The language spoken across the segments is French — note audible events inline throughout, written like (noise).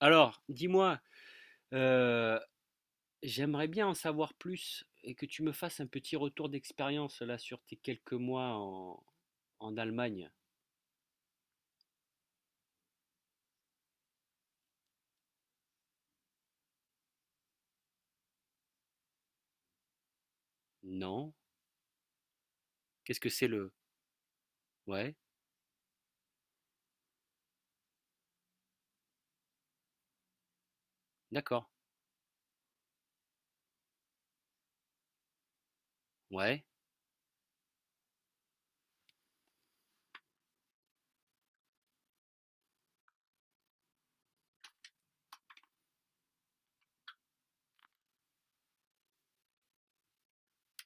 Alors, dis-moi, heu, j'aimerais bien en savoir plus et que tu me fasses un petit retour d'expérience là sur tes quelques mois en Allemagne. Non? Qu'est-ce que c'est le... Ouais, d'accord. Ouais.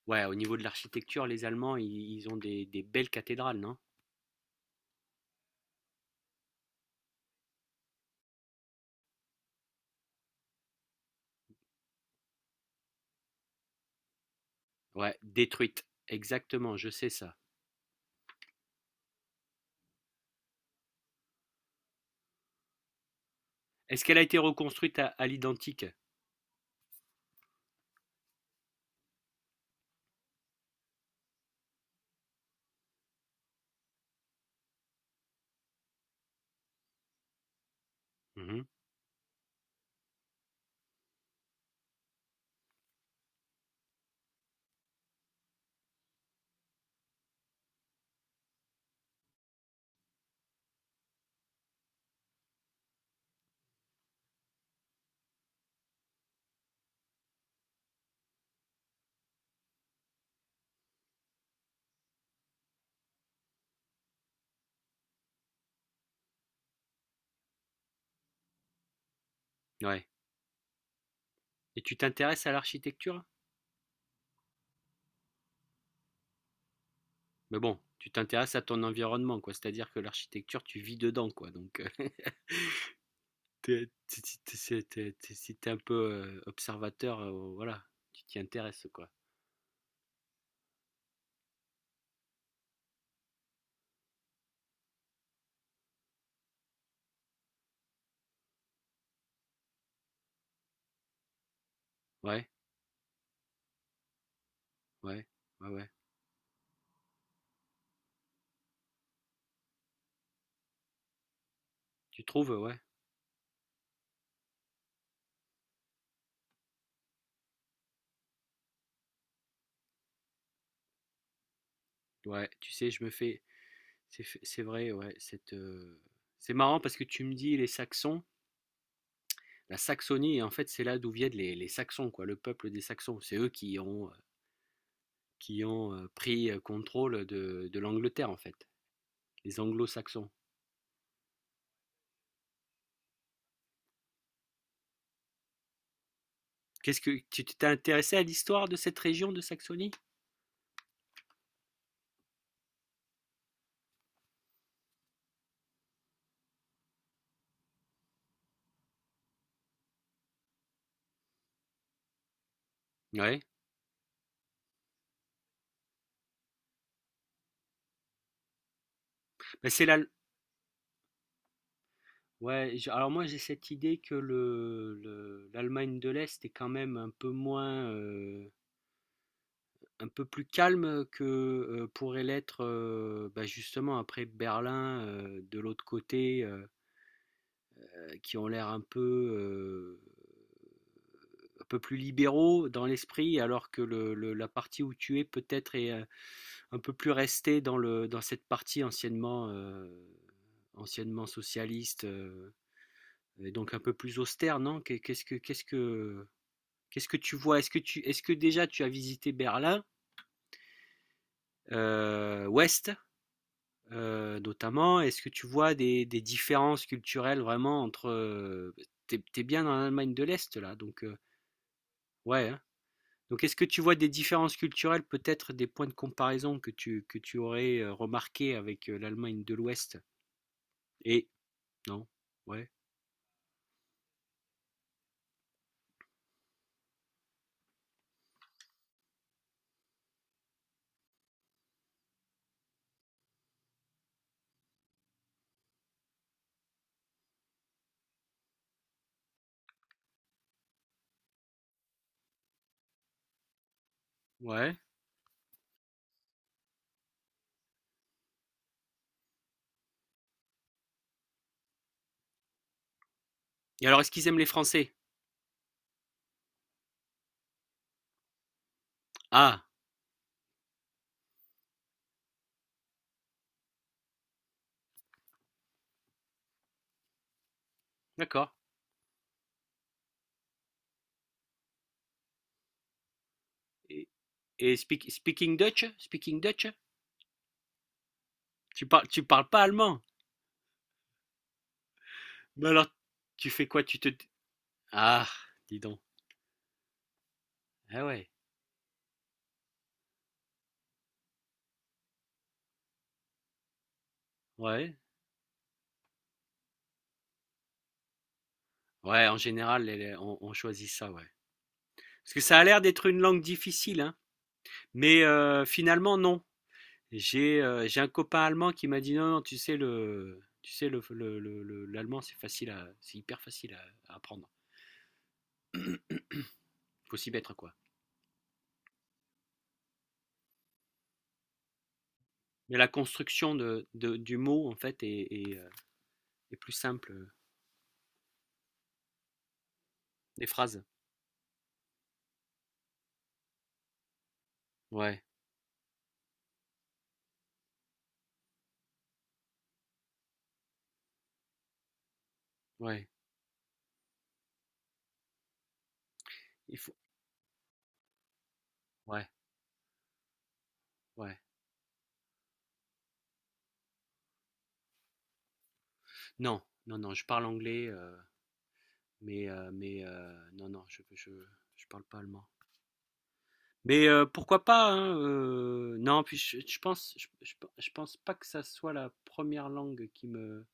Ouais, au niveau de l'architecture, les Allemands, i ils ont des belles cathédrales, non? Ouais, détruite. Exactement, je sais ça. Est-ce qu'elle a été reconstruite à l'identique? Mhm. Ouais. Et tu t'intéresses à l'architecture? Mais bon, tu t'intéresses à ton environnement, quoi. C'est-à-dire que l'architecture, tu vis dedans, quoi. Donc, (laughs) T'es t'es- t'es- t'es- Si t'es un peu observateur, voilà, tu t'y intéresses, quoi. Ouais, ouais, ouais, ouais. Tu trouves, ouais. Ouais, tu sais, je me fais. C'est vrai, ouais. C'est marrant parce que tu me dis les Saxons, la Saxonie, en fait, c'est là d'où viennent les Saxons, quoi, le peuple des Saxons. C'est eux qui ont pris contrôle de l'Angleterre, en fait, les Anglo-Saxons. Qu'est-ce que tu t'es intéressé à l'histoire de cette région de Saxonie? Ouais. Bah, c'est la, Ouais, alors moi j'ai cette idée que l'Allemagne de l'Est est quand même un peu moins, un peu plus calme que pourrait l'être bah, justement après Berlin de l'autre côté, qui ont l'air un peu plus libéraux dans l'esprit, alors que la partie où tu es peut-être est un peu plus restée dans dans cette partie anciennement, anciennement socialiste. Euh, et donc un peu plus austère, non? Qu'est-ce que tu vois? Est-ce que déjà tu as visité Berlin, Ouest, notamment? Est-ce que tu vois des différences culturelles vraiment entre, t'es bien dans l'Allemagne de l'Est là, donc ouais. Hein. Donc est-ce que tu vois des différences culturelles, peut-être des points de comparaison que tu aurais remarqué avec l'Allemagne de l'Ouest? Et non, ouais, ouais. Et alors est-ce qu'ils aiment les Français? Ah, d'accord. Et, et speaking Dutch? Speaking Dutch? Tu parles pas allemand? Mais alors, tu fais quoi? Tu te Ah, dis donc. Ah ouais. Ouais. Ouais, en général, on choisit ça, ouais. Parce que ça a l'air d'être une langue difficile, hein. Mais finalement, non. J'ai un copain allemand qui m'a dit non, non, tu sais, le, tu sais, l'allemand, c'est facile à, c'est hyper facile à apprendre. Faut s'y mettre, quoi. Mais la construction du mot, en fait, est, est plus simple. Euh, des phrases. Ouais, ouais. Il faut. Ouais, ouais. Non, non, non, je parle anglais. Euh, mais, non, je parle pas allemand. Mais pourquoi pas, hein, non, puis je pense pas que ça soit la première langue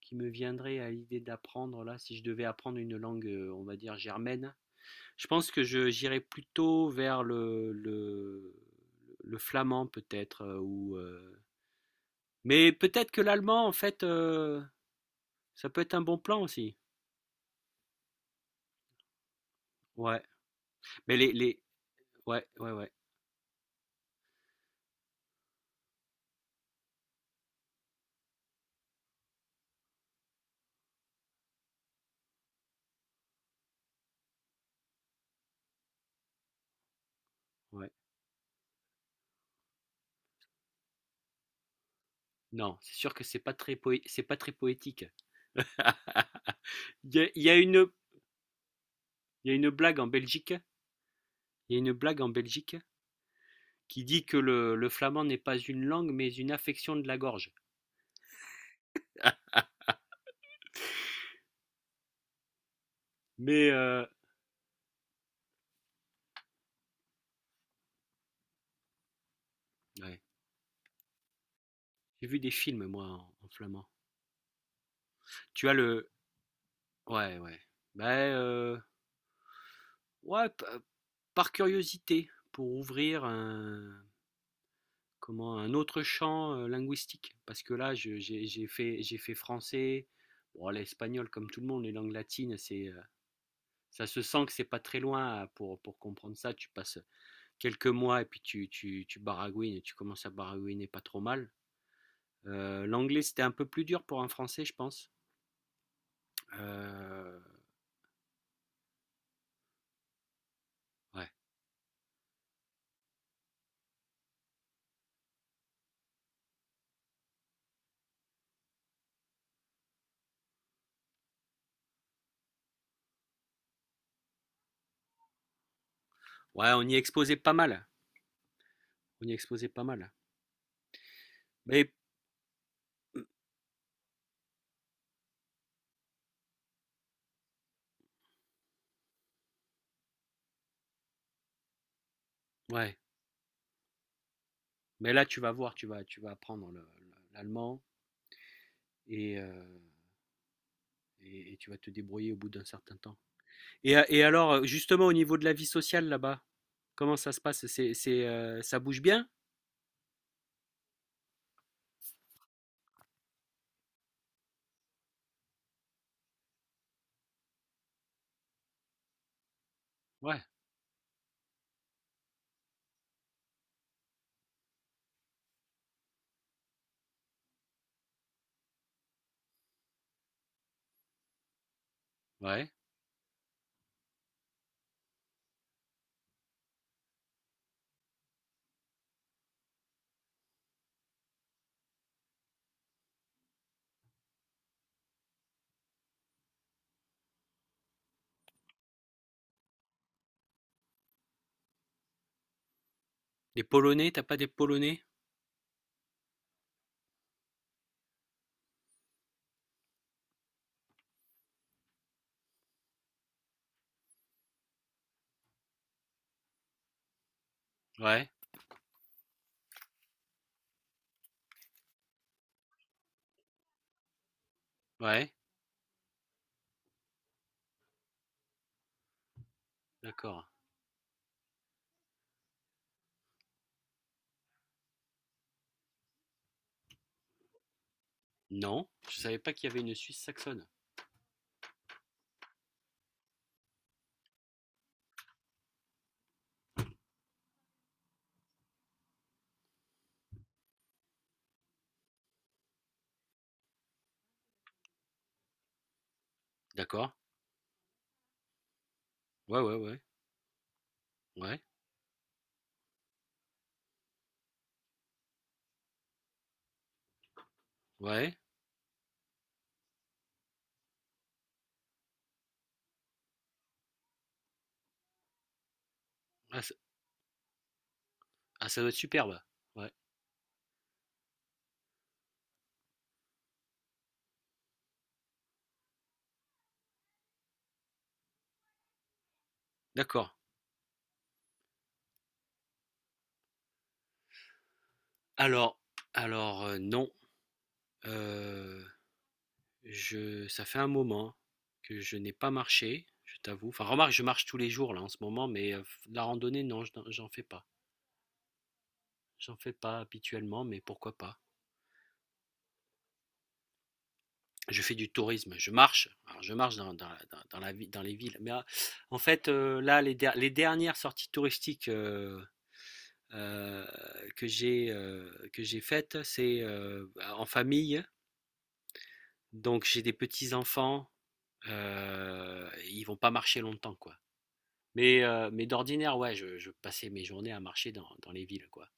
qui me viendrait à l'idée d'apprendre là, si je devais apprendre une langue, on va dire germaine. Je pense que j'irais plutôt vers le flamand peut-être, ou, mais peut-être que l'allemand, en fait, ça peut être un bon plan aussi. Ouais, mais ouais, ouais, ouais. Ouais. Non, c'est sûr que c'est pas très c'est pas très poétique. (laughs) Il y a, il y a une, il y a une blague en Belgique. Il y a une blague en Belgique qui dit que le flamand n'est pas une langue, mais une affection de la gorge. Mais ouais, j'ai vu des films moi en flamand. Tu as le, ouais, ouais, ben ouais, p- Par curiosité pour ouvrir un, comment, un autre champ linguistique. Parce que là, j'ai fait français. Bon, l'espagnol, comme tout le monde, les langues latines, c'est ça se sent que c'est pas très loin pour comprendre ça. Tu passes quelques mois et puis tu baragouines et tu commences à baragouiner pas trop mal. L'anglais, c'était un peu plus dur pour un français, je pense. Euh, ouais. Ouais, on y exposait pas mal. On y exposait pas mal. Mais ouais. Mais là, tu vas voir, tu vas apprendre l'allemand et, euh, et tu vas te débrouiller au bout d'un certain temps. Et alors, justement, au niveau de la vie sociale là-bas, comment ça se passe? Ça bouge bien? Ouais. Ouais. Des polonais, t'as pas des polonais? Ouais, ouais, d'accord. Non, je savais pas qu'il y avait une Suisse saxonne. D'accord. Ouais, ouais, ouais, ouais, ouais. Ah, ça, ah, ça doit être superbe. Ouais, d'accord. Alors, alors, non, euh, ça fait un moment que je n'ai pas marché, je t'avoue. Enfin, remarque, je marche tous les jours là en ce moment, mais la randonnée, non, j'en fais pas. J'en fais pas habituellement, mais pourquoi pas? Je fais du tourisme, je marche, alors je marche dans les villes, mais en fait, là, les dernières sorties touristiques euh, que j'ai faites, c'est en famille, donc j'ai des petits-enfants, ils vont pas marcher longtemps, quoi. Mais d'ordinaire, ouais, je passais mes journées à marcher dans les villes, quoi.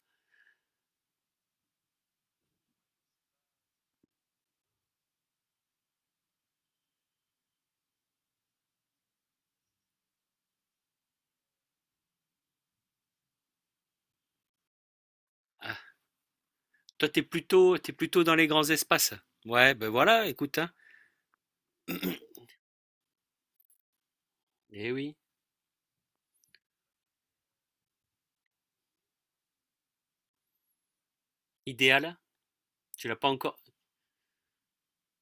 Ah, toi, t'es plutôt dans les grands espaces. Ouais, ben voilà, écoute, hein. Eh oui, idéal. Tu l'as pas encore,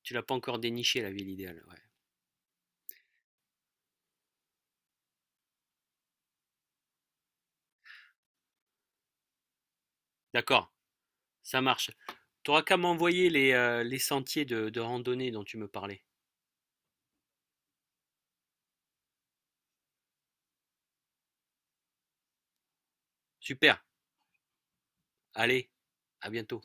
tu l'as pas encore déniché la ville idéale. Ouais. D'accord, ça marche. T'auras qu'à m'envoyer les sentiers de randonnée dont tu me parlais. Super. Allez, à bientôt.